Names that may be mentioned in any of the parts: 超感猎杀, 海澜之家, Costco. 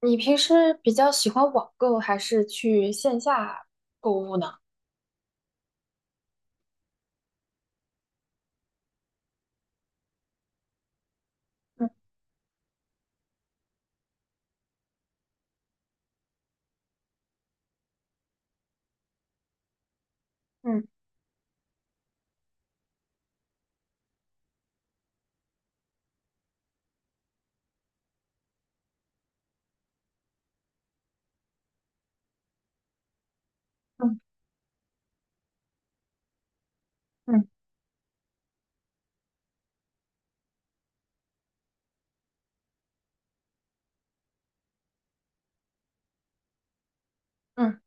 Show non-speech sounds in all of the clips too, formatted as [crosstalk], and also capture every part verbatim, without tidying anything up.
你平时比较喜欢网购还是去线下购物呢？嗯嗯嗯嗯嗯嗯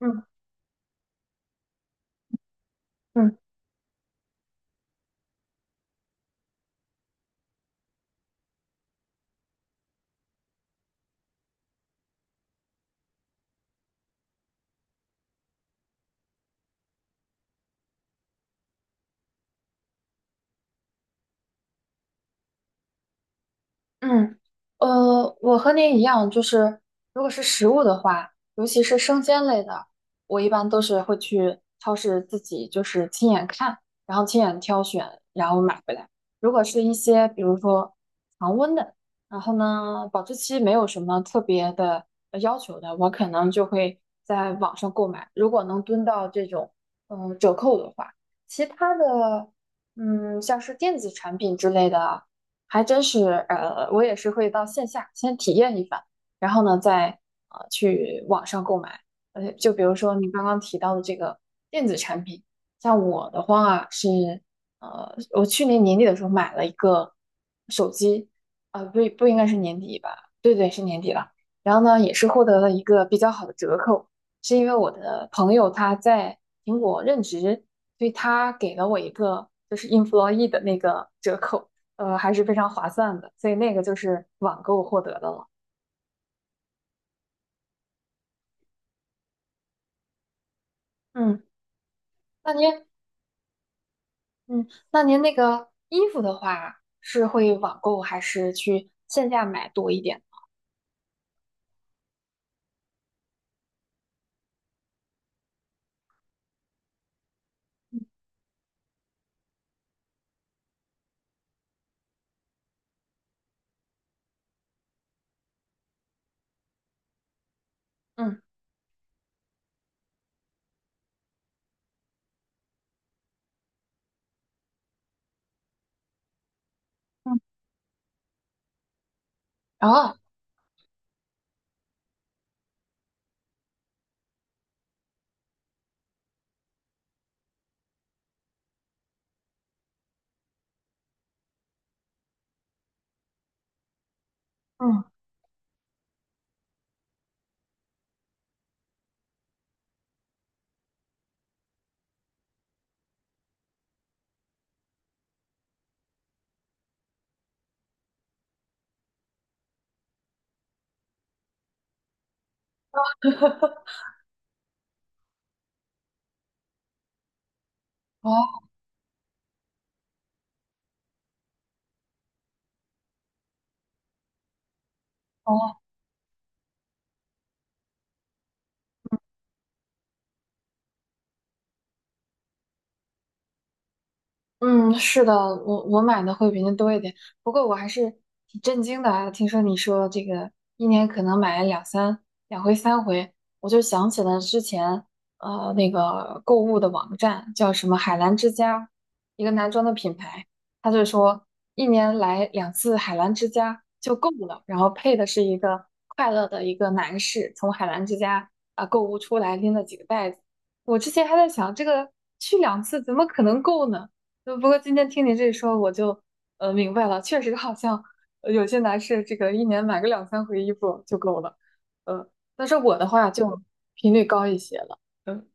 嗯嗯。嗯，呃，我和您一样，就是如果是食物的话，尤其是生鲜类的，我一般都是会去超市自己就是亲眼看，然后亲眼挑选，然后买回来。如果是一些比如说常温的，然后呢保质期没有什么特别的呃要求的，我可能就会在网上购买。如果能蹲到这种嗯折扣的话，其他的嗯像是电子产品之类的。还真是，呃，我也是会到线下先体验一番，然后呢，再呃去网上购买。呃，就比如说你刚刚提到的这个电子产品，像我的话是，呃，我去年年底的时候买了一个手机，啊、不不应该是年底吧？对对，是年底了。然后呢，也是获得了一个比较好的折扣，是因为我的朋友他在苹果任职，所以他给了我一个就是 employee 的那个折扣。呃，还是非常划算的，所以那个就是网购获得的了。嗯，那您，嗯，那您那个衣服的话，是会网购还是去线下买多一点？嗯，嗯，然后，嗯，[laughs] 哦哦，嗯，是的，我我买的会比您多一点，不过我还是挺震惊的啊，听说你说这个一年可能买两三两回三回，我就想起了之前呃那个购物的网站叫什么海澜之家，一个男装的品牌，他就说一年来两次海澜之家就够了，然后配的是一个快乐的一个男士从海澜之家啊、购物出来拎了几个袋子，我之前还在想这个去两次怎么可能够呢？呃不过今天听你这一说，我就呃明白了，确实好像呃有些男士这个一年买个两三回衣服就够了，呃，但是我的话就频率高一些了，嗯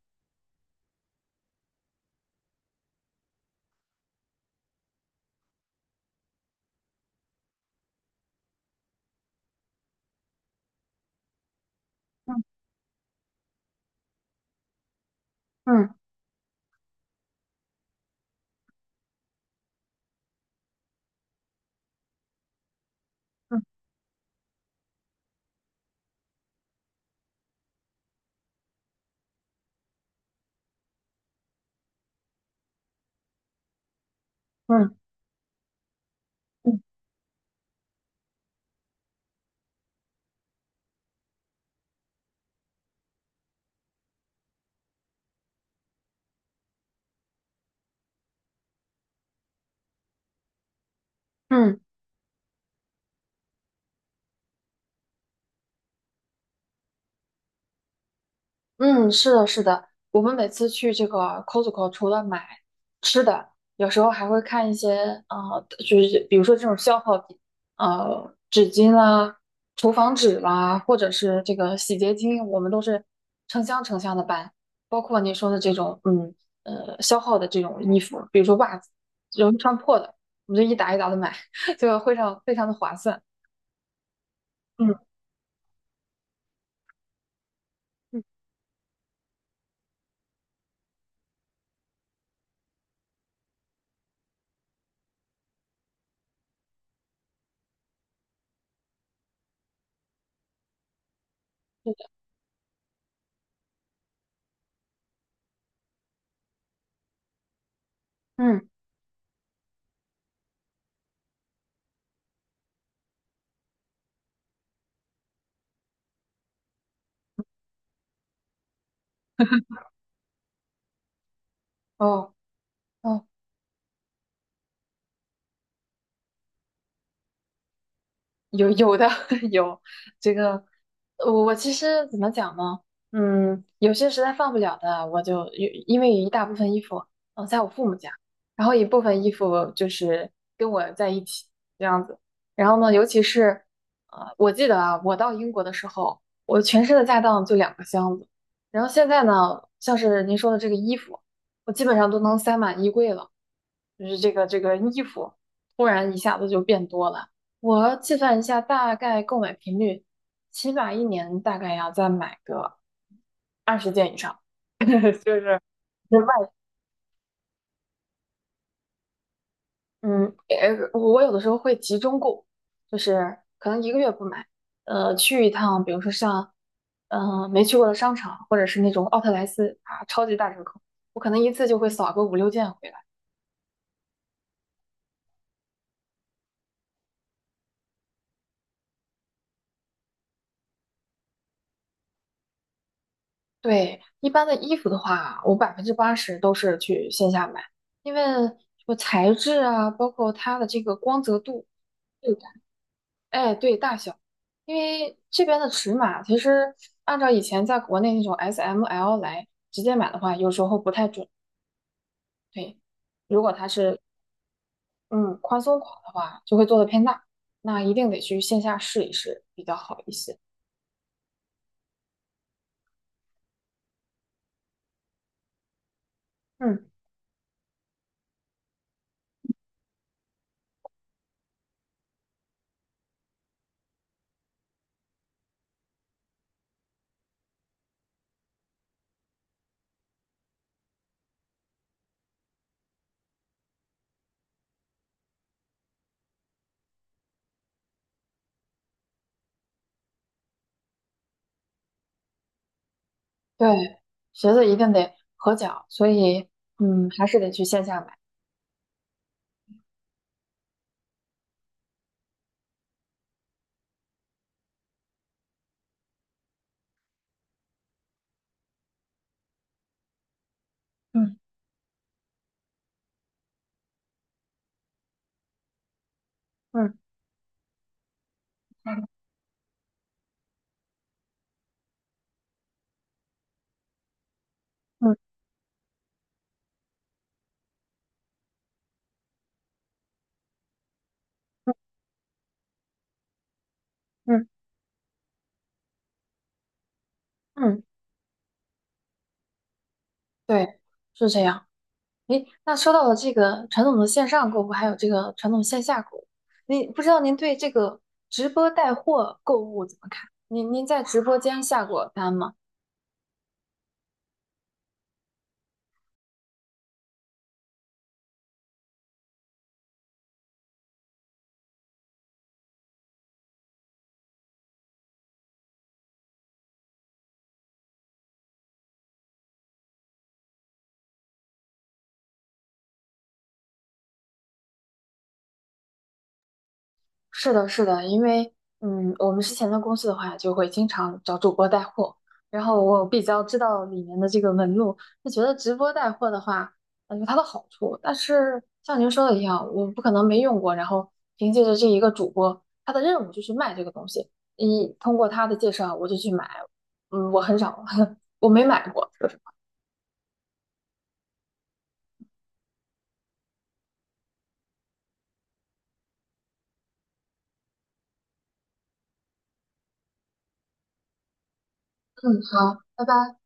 嗯嗯嗯嗯嗯。嗯嗯，是的，是的，我们每次去这个 Costco，除了买吃的，有时候还会看一些呃，就是比如说这种消耗品，呃，纸巾啦、厨房纸啦，或者是这个洗洁精，我们都是成箱成箱的搬，包括您说的这种，嗯，呃，消耗的这种衣服，比如说袜子，容易穿破的，我们就一打一打的买，[laughs] 就非常非常的划算。嗯嗯，是的，嗯，哦哦，有有的 [laughs] 有这个，我我其实怎么讲呢？嗯，有些实在放不了的，我就有，因为有一大部分衣服，嗯，在我父母家，然后一部分衣服就是跟我在一起这样子。然后呢，尤其是，呃，我记得啊，我到英国的时候，我全身的家当就两个箱子。然后现在呢，像是您说的这个衣服，我基本上都能塞满衣柜了。就是这个这个衣服突然一下子就变多了，我计算一下大概购买频率，起码一年大概要再买个二十件以上，[laughs] 就是就外嗯，呃，我有的时候会集中购，就是可能一个月不买，呃，去一趟，比如说像，呃，没去过的商场，或者是那种奥特莱斯啊，超级大折扣，我可能一次就会扫个五六件回来。对，一般的衣服的话，我百分之八十都是去线下买，因为什么材质啊，包括它的这个光泽度、质感，哎，对，大小，因为这边的尺码其实按照以前在国内那种 S M L 来直接买的话，有时候不太准。对，如果它是嗯宽松款的话，就会做的偏大，那一定得去线下试一试比较好一些。嗯，对，鞋子一定得合脚，所以嗯还是得去线下买。嗯。嗯嗯嗯嗯嗯，嗯，对，是这样。诶，那说到了这个传统的线上购物，还有这个传统线下购物，您不知道您对这个直播带货购物怎么看？您您在直播间下过单吗？是的，是的，因为嗯，我们之前的公司的话，就会经常找主播带货，然后我比较知道里面的这个纹路，就觉得直播带货的话，呃有它的好处，但是像您说的一样，我不可能没用过，然后凭借着这一个主播，他的任务就去卖这个东西，一通过他的介绍我就去买，嗯，我很少，[laughs] 我没买过，嗯，好，拜拜。